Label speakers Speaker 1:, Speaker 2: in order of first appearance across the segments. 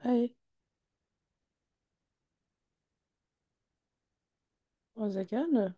Speaker 1: Hey, oh, sehr gerne.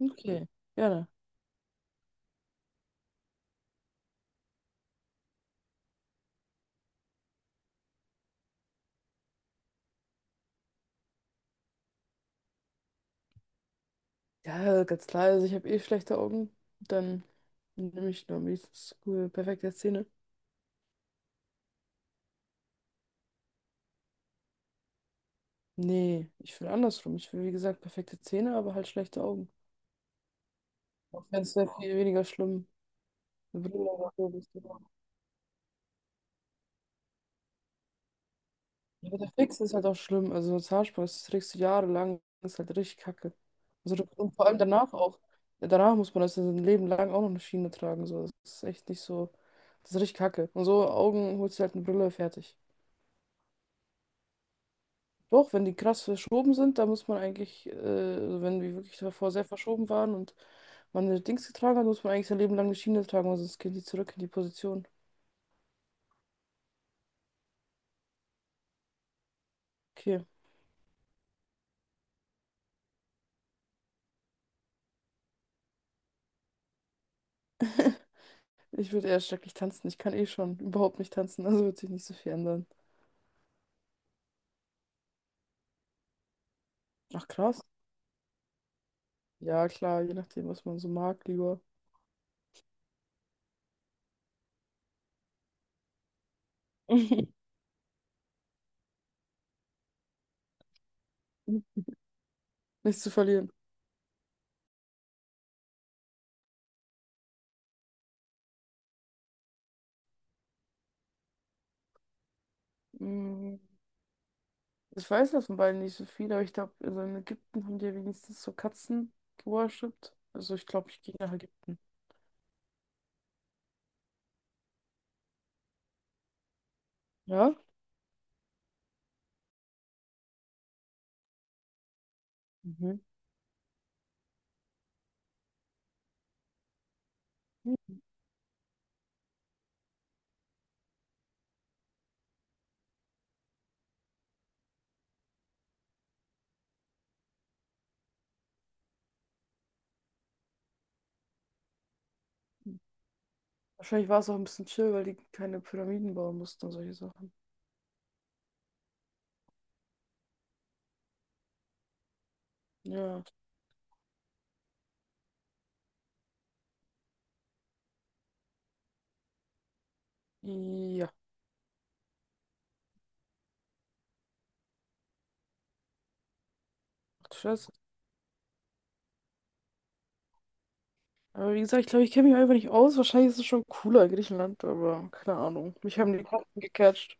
Speaker 1: Okay, gerne. Ja, ganz klar, also ich habe eh schlechte Augen. Dann nehme ich nur am liebsten cool, perfekte Zähne. Nee, ich will andersrum. Ich will, wie gesagt, perfekte Zähne, aber halt schlechte Augen. Auch wenn es sehr viel weniger schlimm. Eine Brille oder so bist du da. Ja, der Fix ist halt auch schlimm. Also so Zahnspange, das trägst du jahrelang, das ist halt richtig kacke. Also, und vor allem danach auch. Ja, danach muss man das ein Leben lang auch noch eine Schiene tragen. So. Das ist echt nicht so. Das ist richtig kacke. Und so Augen holst du halt eine Brille fertig. Doch, wenn die krass verschoben sind, da muss man eigentlich, also wenn die wirklich davor sehr verschoben waren und man eine Dings getragen hat, muss man eigentlich sein Leben lang eine Schiene tragen, weil sonst gehen die zurück in die Position. Okay. Ich würde eher schrecklich tanzen. Ich kann eh schon überhaupt nicht tanzen, also wird sich nicht so viel ändern. Ach krass. Ja, klar, je nachdem, was man so mag, lieber. Nichts zu verlieren. Mm, Ich weiß ja von beiden nicht so viel, aber ich glaube, also in Ägypten haben die ja wenigstens so Katzen geworshipped. Also ich glaube, ich gehe nach Ägypten. Ja? Mhm. Wahrscheinlich war es auch ein bisschen chill, weil die keine Pyramiden bauen mussten und solche Sachen. Ja. Ja, ach Scheiße. Aber wie gesagt, ich glaube, ich kenne mich einfach nicht aus. Wahrscheinlich ist es schon cooler in Griechenland, aber keine Ahnung. Mich haben die Karten gecatcht.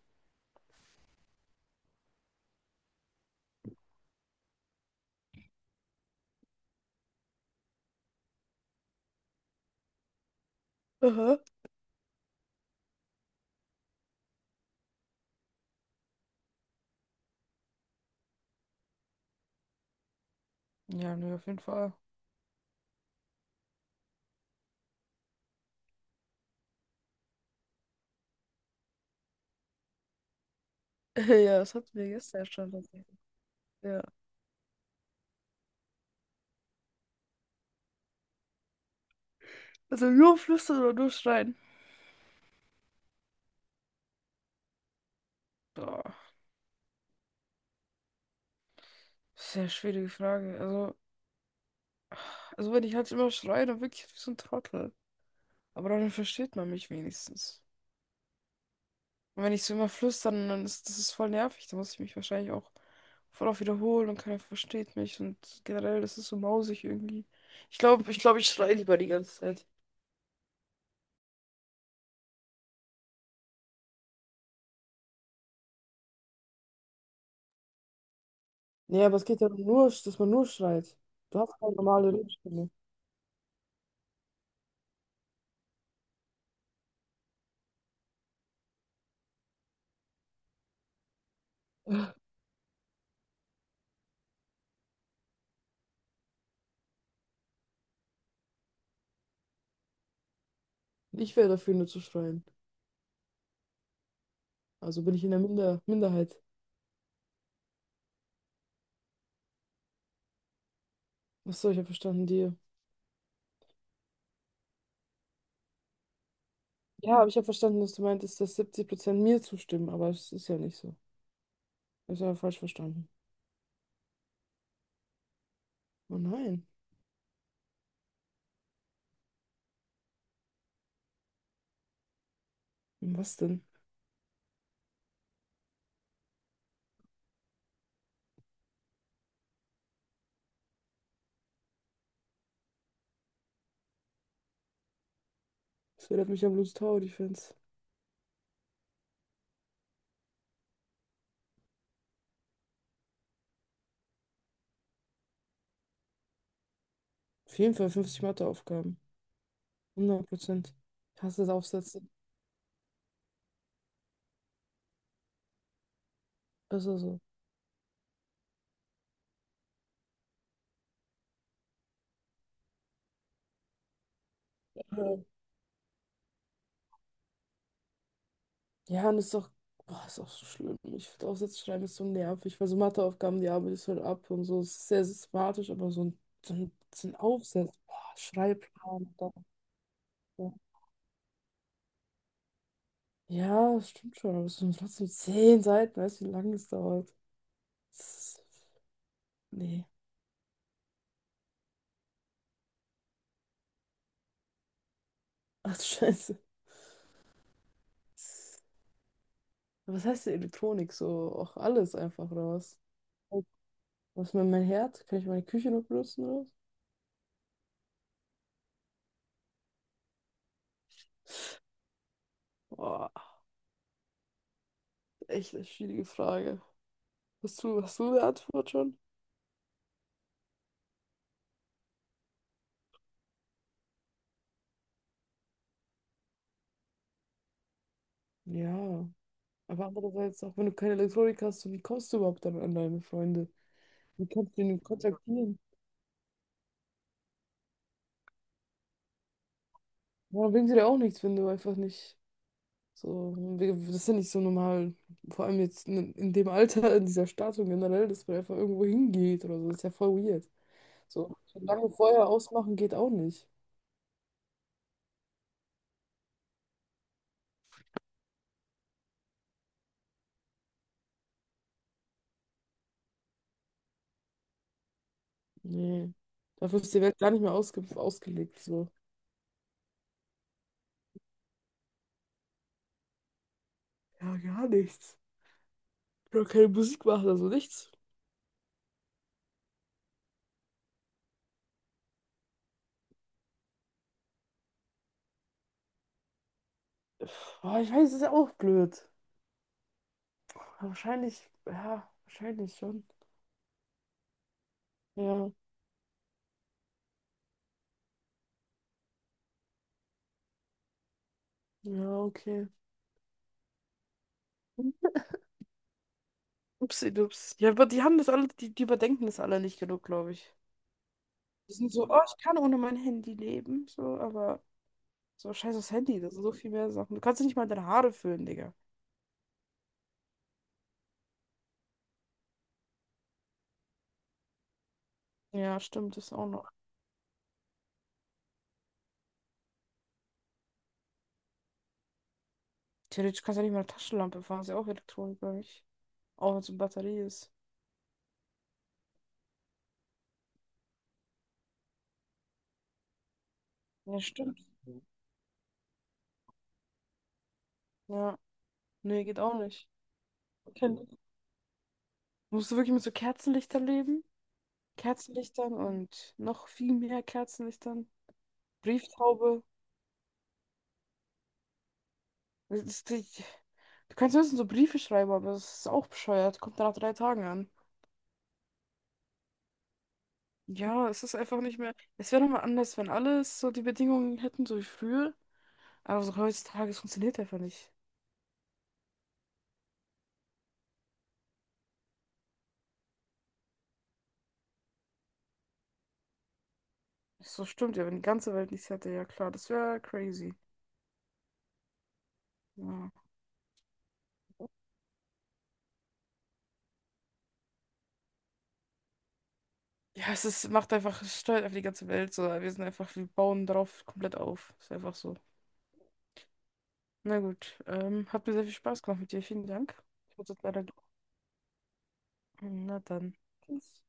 Speaker 1: Aha. Ja, nee, auf jeden Fall. Ja, das hatten wir gestern schon tatsächlich. Ja. Also nur flüstern oder nur schreien? Boah, sehr schwierige Frage. Also, wenn ich halt immer schreie, dann wirklich wie so ein Trottel. Aber dann versteht man mich wenigstens. Und wenn ich so immer flüstern, dann ist das ist voll nervig. Da muss ich mich wahrscheinlich auch voll oft wiederholen und keiner versteht mich. Und generell, das ist so mausig irgendwie. Ich glaube, ich schreie lieber die ganze Zeit. Nee, aber es geht ja nur, dass man nur schreit. Du hast keine normale Redstimme. Ich wäre dafür, nur zu schreien. Also bin ich in der Minderheit. Achso, ich habe verstanden, dir. Ja, aber ich habe verstanden, dass du meintest, dass 70% mir zustimmen, aber es ist ja nicht so. Ich habe falsch verstanden. Oh nein. Was denn? Das erinnert mich an Blues Tower Defense. Auf jeden Fall 50 Matheaufgaben. 100%. Ich hasse das Aufsätze. Ist ja so. Mhm. Ja, und boah, ist auch so schlimm. Ich finde Aufsätze schreiben ist so nervig, weil so Matheaufgaben, die arbeitest du halt ab und so. Es ist sehr systematisch, aber so ein Aufsatz, boah, Schreibplan. Da. Ja, das stimmt schon, aber es sind trotzdem 10 Seiten. Weißt du, wie lange es dauert? Das ist, nee. Ach, du Scheiße. Aber was heißt denn Elektronik? So, auch alles einfach, oder was? Was mit meinem Herd? Kann ich meine Küche noch benutzen? Boah, echt eine schwierige Frage. Hast du eine Antwort schon? Ja, aber andererseits, auch wenn du keine Elektronik hast, so wie kommst du überhaupt dann an deine Freunde? Wie kannst du ihn kontaktieren? Ja, bringt dir ja auch nichts, wenn du einfach nicht so, das ist ja nicht so normal, vor allem jetzt in dem Alter, in dieser Stadt und generell, dass man einfach irgendwo hingeht oder so, das ist ja voll weird. So, so lange vorher ausmachen geht auch nicht. Nee, dafür ist die Welt gar nicht mehr ausgelegt, so. Ja, gar nichts. Ich kann keine Musik machen, also nichts. Boah, ich weiß, es ist ja auch blöd. Wahrscheinlich, ja, wahrscheinlich schon. Ja, ja, okay. Upsi-dups. Ja, aber die haben das alle, die überdenken das alle nicht genug, glaube ich. Die sind so, oh, ich kann ohne mein Handy leben, so, aber so scheiß aufs Handy, das sind so viel mehr Sachen. Du kannst ja nicht mal deine Haare föhnen, Digga. Ja, stimmt, das auch noch. Theoretisch kannst du ja nicht mal eine Taschenlampe fahren, ist ja auch Elektronik, glaube ich. Auch wenn es eine Batterie ist. Ja, stimmt. Ja, nee, geht auch nicht. Okay. Musst du wirklich mit so Kerzenlichtern leben? Kerzenlichtern und noch viel mehr Kerzenlichtern. Brieftaube. Das ist die, du kannst höchstens so Briefe schreiben, aber das ist auch bescheuert. Kommt dann nach 3 Tagen an. Ja, es ist einfach nicht mehr. Es wäre nochmal anders, wenn alles so die Bedingungen hätten, so wie früher. Aber so heutzutage, es funktioniert einfach nicht. So stimmt ja, wenn die ganze Welt nichts hätte, ja klar, das wäre crazy. Ja. Ja, es ist, macht einfach, es steuert einfach die ganze Welt so. Wir sind einfach, wir bauen darauf komplett auf. Ist einfach so. Na gut, hat mir sehr viel Spaß gemacht mit dir. Vielen Dank. Ich muss jetzt leider. Na dann. Tschüss.